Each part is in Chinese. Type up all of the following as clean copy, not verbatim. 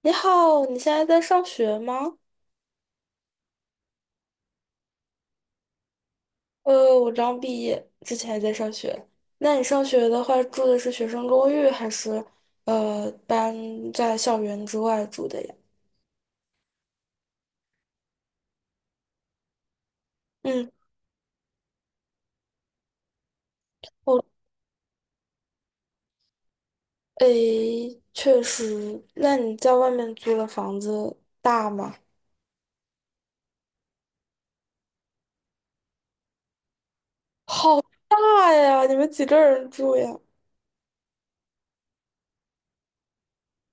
你好，你现在在上学吗？我刚毕业，之前还在上学。那你上学的话，住的是学生公寓，还是呃搬在校园之外住的呀？嗯，我诶，确实。那你在外面租的房子大吗？好大呀！你们几个人住呀？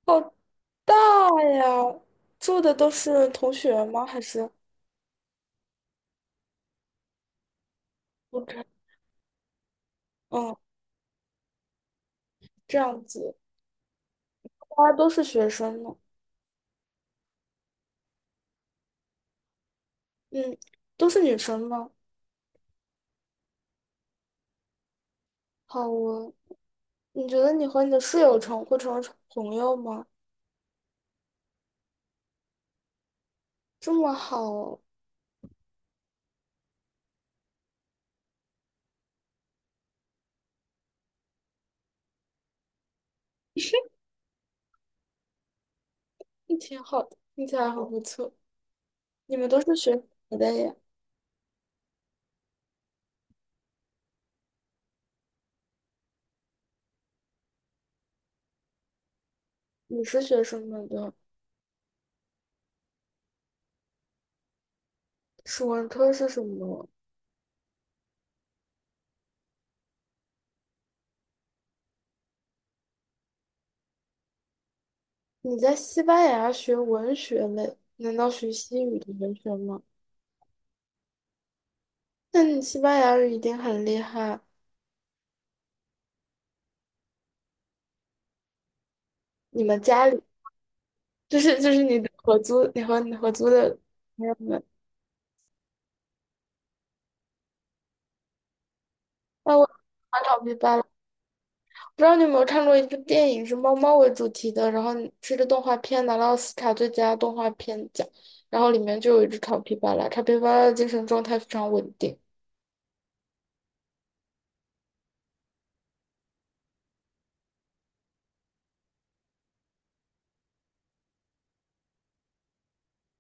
好大呀！住的都是同学吗？还是不知？嗯，这样子，大家都是学生呢。嗯，都是女生吗？好啊，你觉得你和你的室友成会成为朋友吗？这么好，也挺好的，听起来很不错。你们都是学什么的呀？你是学什么的？史文科是什么？你在西班牙学文学类，难道学西语的文学吗？那你西班牙语一定很厉害。你们家里就是你的合租，你和你合租的朋友们，那我马考必败了。不知道你有没有看过一部电影是猫猫为主题的，然后是个动画片拿了奥斯卡最佳动画片奖，然后里面就有一只卡皮巴拉，卡皮巴拉的精神状态非常稳定，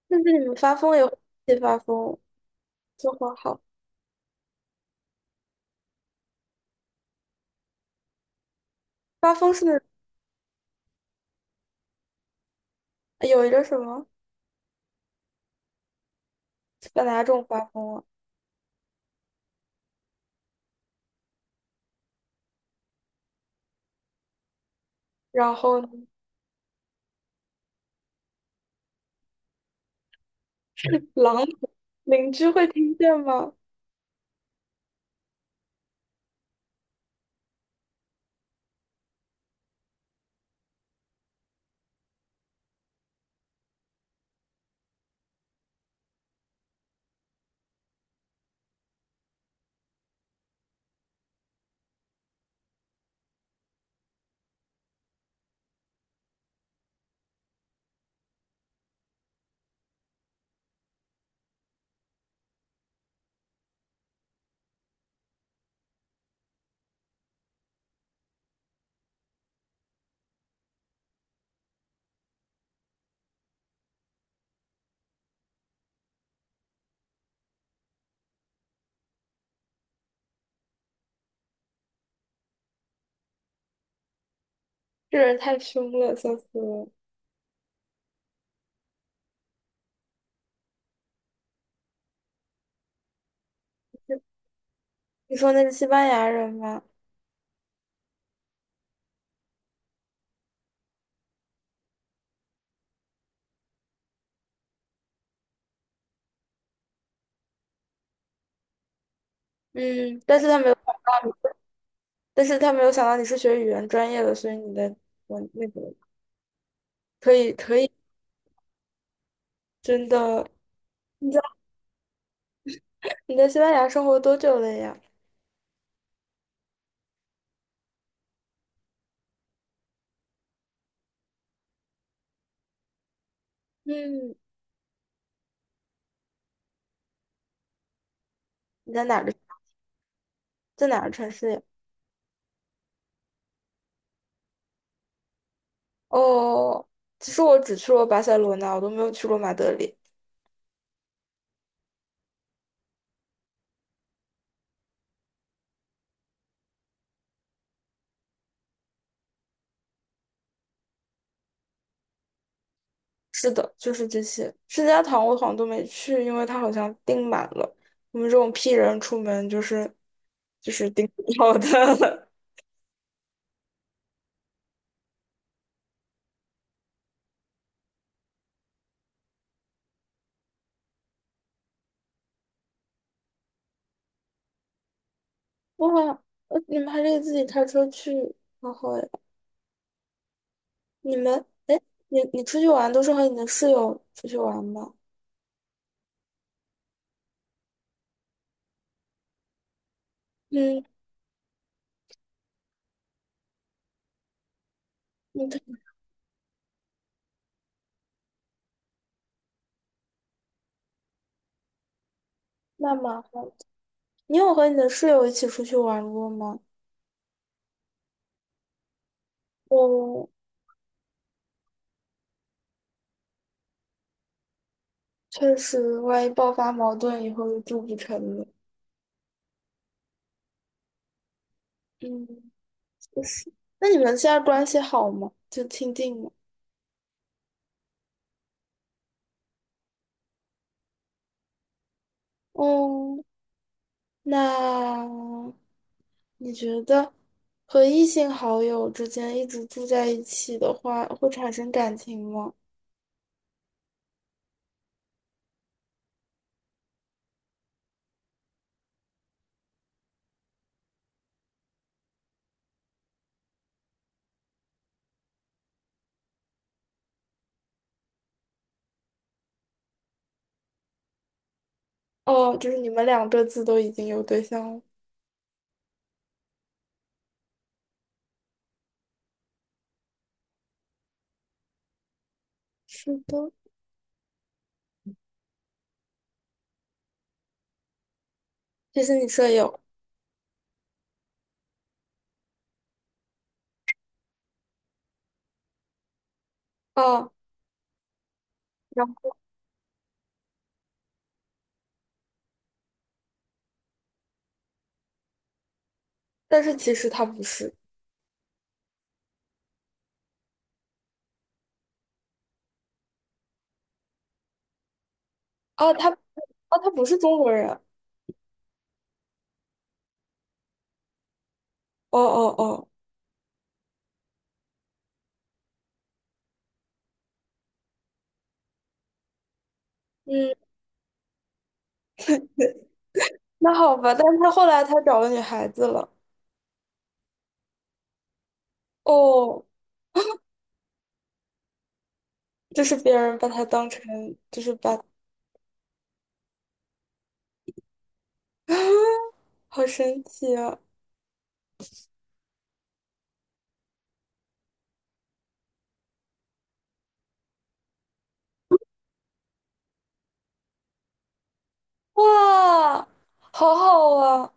但是你们发疯也会发疯，就很好。发疯是有一个什么把哪种发疯啊？然后呢是狼邻居会听见吗？这人太凶了，笑死我了！你说那是西班牙人吗？嗯，但是他没有，但是他没有想到你是学语言专业的，所以你的我那个。可以，可以，真的。你在你在西班牙生活多久了呀？嗯，你在哪个在哪个城市呀？哦，其实我只去过巴塞罗那，我都没有去过马德里。是的，就是这些。圣家堂我好像都没去，因为它好像订满了。我们这种 P 人出门就是订不到的。哇，你们还可以自己开车去，好好呀。你们，哎，你出去玩都是和你的室友出去玩吗？嗯，你可以那吗？你有和你的室友一起出去玩过吗？我确实，万一爆发矛盾以后就住不成了。嗯，就是。那你们现在关系好吗？就亲近吗？嗯，那你觉得和异性好友之间一直住在一起的话，会产生感情吗？哦，就是你们两个自都已经有对象了。是的，这是你舍友。啊。然后但是其实他不是。哦，他不是中国人。哦哦哦，嗯，那好吧，但是他后来他找了女孩子了。哦，就是别人把他当成，就是把，好神奇啊！哇，好好啊！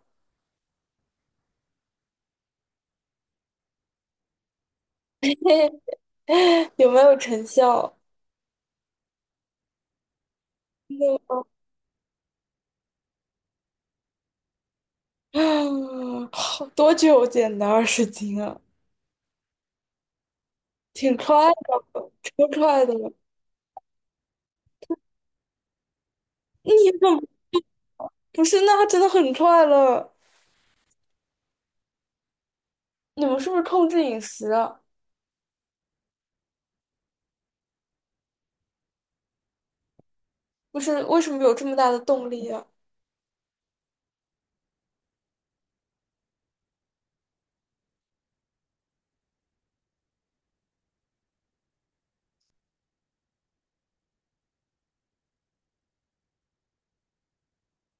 有没有成效？那么，嗯，好多久减的20斤啊？挺快的，超快的了。你怎么不是？那他真的很快了。你们是不是控制饮食啊？不是，为什么有这么大的动力啊？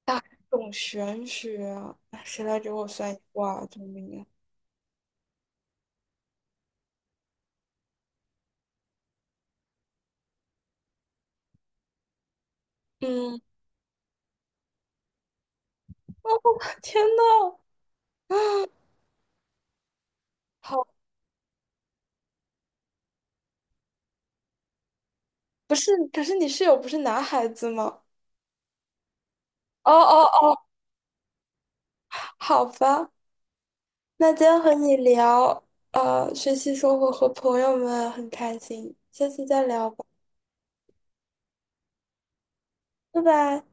大众玄学啊，哎谁来给我算一卦？救命啊！嗯 天呐，好，不是，可是你室友不是男孩子吗？哦哦哦 好吧，那今天和你聊，学习生活和朋友们很开心，下次再聊吧，拜拜。